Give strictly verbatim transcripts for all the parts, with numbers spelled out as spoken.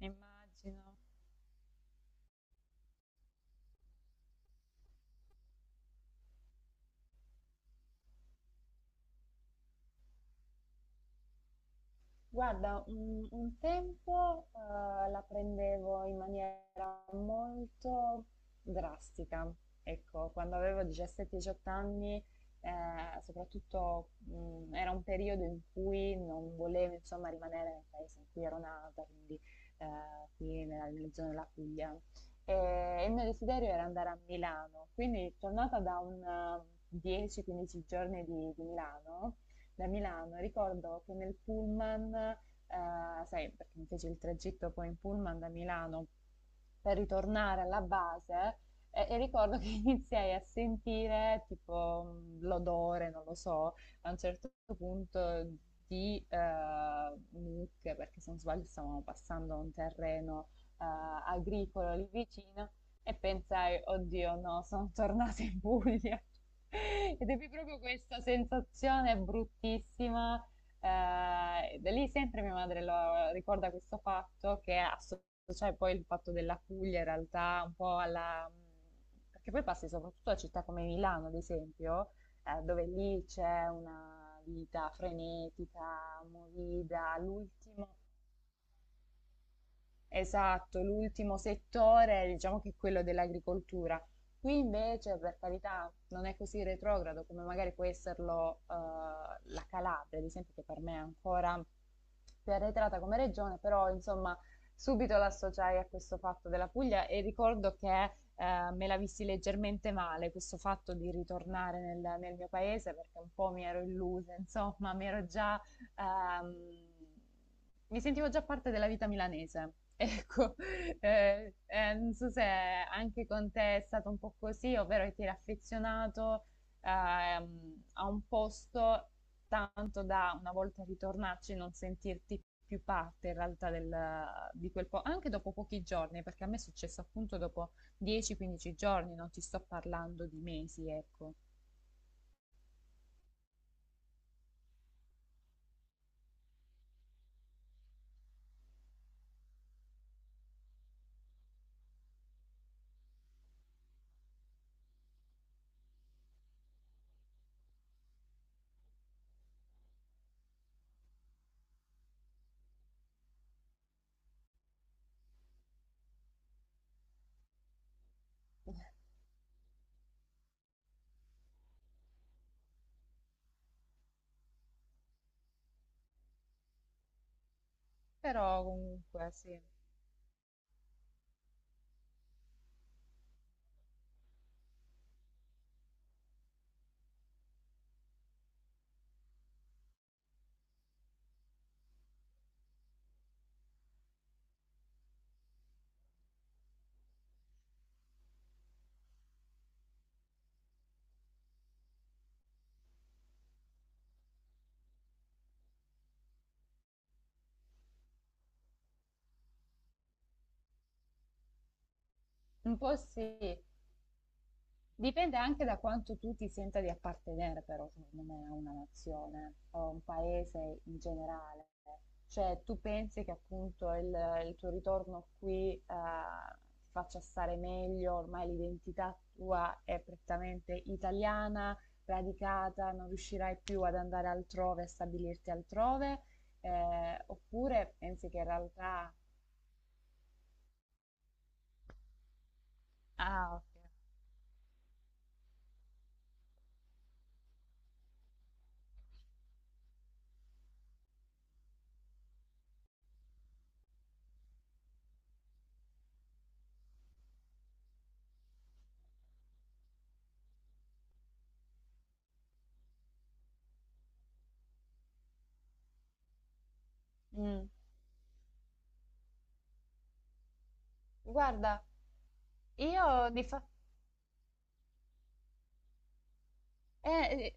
Immagino. Guarda, un, un tempo eh, la prendevo in maniera molto drastica. Ecco, quando avevo diciassette diciotto anni, eh, soprattutto mh, era un periodo in cui non volevo, insomma, rimanere nel paese in cui ero nata, quindi eh, qui nella, nella zona della Puglia. E il mio desiderio era andare a Milano, quindi tornata da un eh, dieci o quindici giorni di, di Milano, da Milano. Ricordo che nel pullman, eh, sai, perché mi feci il tragitto poi in pullman da Milano per ritornare alla base, eh, e ricordo che iniziai a sentire tipo mh, l'odore, non lo so, a un certo punto di eh, mucche, perché se non sbaglio stavamo passando un terreno eh, agricolo lì vicino e pensai, oddio no, sono tornata in Puglia. Ed è proprio questa sensazione bruttissima. eh, da lì sempre mia madre lo ricorda questo fatto che associa cioè poi il fatto della Puglia in realtà un po' alla. Perché poi passi soprattutto a città come Milano, ad esempio, eh, dove lì c'è una vita frenetica, movida, all'ultimo. Esatto, l'ultimo settore, diciamo che è quello dell'agricoltura. Qui invece, per carità, non è così retrogrado come magari può esserlo eh, la Calabria, ad esempio, che per me è ancora più arretrata come regione, però insomma subito l'associai a questo fatto della Puglia e ricordo che eh, me la vissi leggermente male questo fatto di ritornare nel, nel mio paese perché un po' mi ero illusa, insomma, mi ero già ehm, mi sentivo già parte della vita milanese. Ecco. Eh, eh, non so se anche con te è stato un po' così, ovvero che ti eri affezionato ehm, a un posto tanto da una volta ritornarci non sentirti più parte in realtà del- di quel po', anche dopo pochi giorni, perché a me è successo appunto dopo dieci o quindici giorni, non ti sto parlando di mesi, ecco. Però comunque sì, un po' sì. Dipende anche da quanto tu ti senta di appartenere, però, secondo me, a una nazione o a un paese in generale. Cioè, tu pensi che appunto il, il tuo ritorno qui eh, ti faccia stare meglio, ormai l'identità tua è prettamente italiana, radicata, non riuscirai più ad andare altrove, a stabilirti altrove, eh, oppure pensi che in realtà. Ah, ok. Mm, guarda, Io di fa- eh,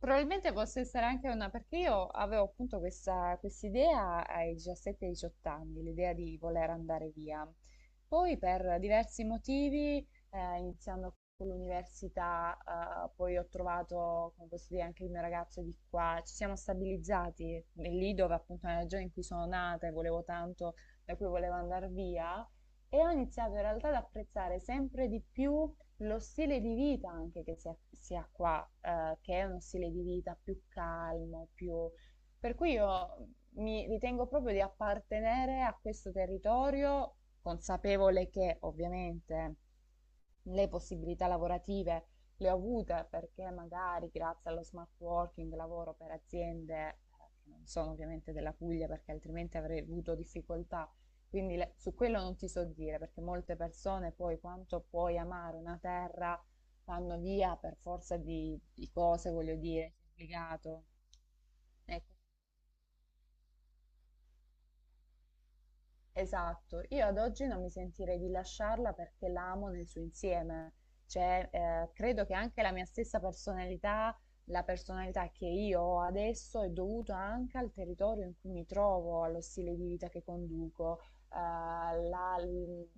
Probabilmente possa essere anche una, perché io avevo appunto questa idea ai diciassette o diciotto anni, l'idea di voler andare via. Poi per diversi motivi, eh, iniziando con l'università, eh, poi ho trovato, come posso dire, anche il mio ragazzo di qua, ci siamo stabilizzati e lì dove appunto nella regione in cui sono nata e volevo tanto, da cui volevo andare via, e ho iniziato in realtà ad apprezzare sempre di più lo stile di vita anche che si ha, si ha qua, eh, che è uno stile di vita più calmo, più. Per cui io mi ritengo proprio di appartenere a questo territorio, consapevole che ovviamente le possibilità lavorative le ho avute perché magari grazie allo smart working lavoro per aziende eh, che non sono ovviamente della Puglia perché altrimenti avrei avuto difficoltà. Quindi le- su quello non ti so dire perché molte persone poi quanto puoi amare una terra vanno via per forza di, di cose, voglio dire, è obbligato. Ecco. Esatto, io ad oggi non mi sentirei di lasciarla perché la amo nel suo insieme, cioè eh, credo che anche la mia stessa personalità, la personalità che io ho adesso è dovuta anche al territorio in cui mi trovo, allo stile di vita che conduco, eh, la- l-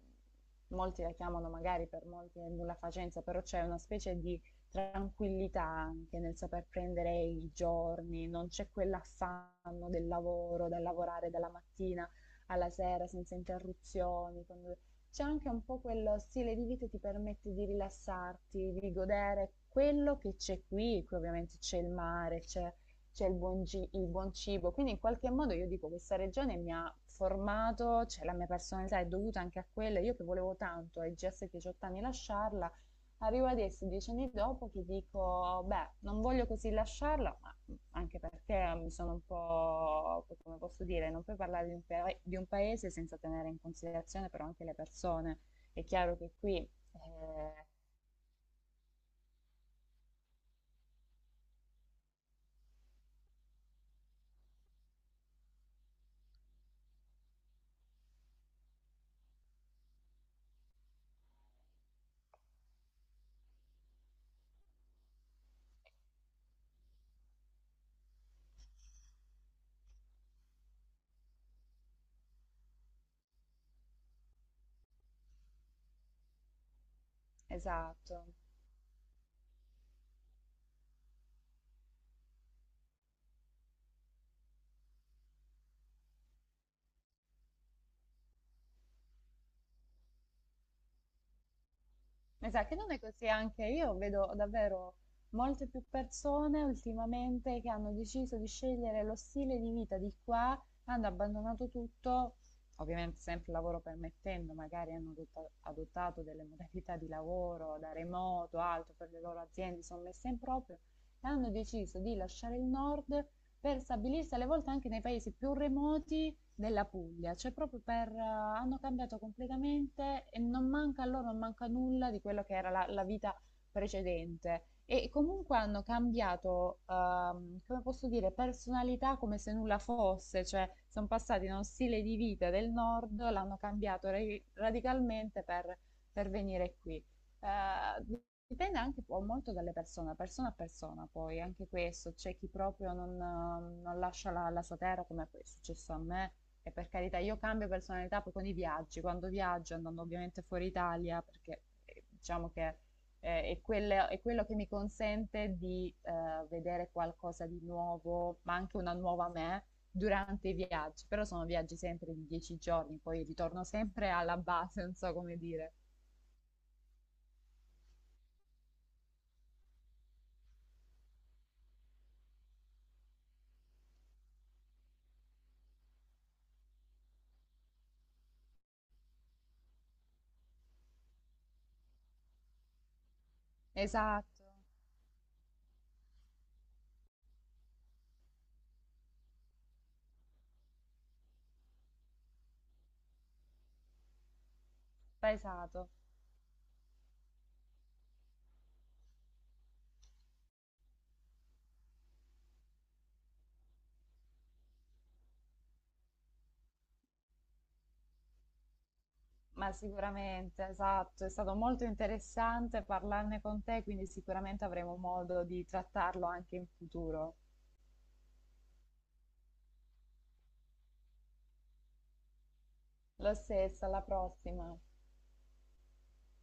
molti la chiamano magari per molti è nulla facenza, però c'è una specie di tranquillità anche nel saper prendere i giorni, non c'è quell'affanno del lavoro, da lavorare dalla mattina alla sera senza interruzioni. con due- C'è anche un po' quello stile di vita che ti permette di rilassarti, di godere quello che c'è qui. Qui ovviamente c'è il mare, c'è, c'è il buon, gi- il buon cibo. Quindi in qualche modo io dico questa regione mi ha formato, cioè la mia personalità è dovuta anche a quella. Io che volevo tanto ai G S diciotto anni lasciarla. Arrivo adesso, dieci anni dopo, che dico, beh, non voglio così lasciarla, ma anche perché mi sono un po', come posso dire, non puoi parlare di un, pa- di un paese senza tenere in considerazione però anche le persone. È chiaro che qui. Eh, esatto. Ma sai che non è così anche io vedo davvero molte più persone ultimamente che hanno deciso di scegliere lo stile di vita di qua, hanno abbandonato tutto, ovviamente sempre lavoro permettendo, magari hanno adotta- adottato delle modalità di lavoro da remoto, altro per le loro aziende, sono messe in proprio, e hanno deciso di lasciare il nord per stabilirsi alle volte anche nei paesi più remoti della Puglia, cioè proprio per, eh, hanno cambiato completamente e non manca a loro, non manca nulla di quello che era la, la vita precedente. E comunque hanno cambiato, ehm, come posso dire, personalità come se nulla fosse, cioè sono passati da uno stile di vita del nord, l'hanno cambiato re- radicalmente per, per venire qui. Eh, Dipende anche po molto dalle persone, persona a persona poi, anche questo, c'è chi proprio non, eh, non lascia la, la sua terra come poi è successo a me e per carità io cambio personalità poi con i viaggi, quando viaggio andando ovviamente fuori Italia perché eh, diciamo che eh, è, quelle- è quello che mi consente di eh, vedere qualcosa di nuovo, ma anche una nuova me durante i viaggi, però sono viaggi sempre di dieci giorni, poi ritorno sempre alla base, non so come dire. Esatto, pesato. Ma sicuramente, esatto, è stato molto interessante parlarne con te, quindi sicuramente avremo modo di trattarlo anche in futuro. Lo stesso, alla prossima.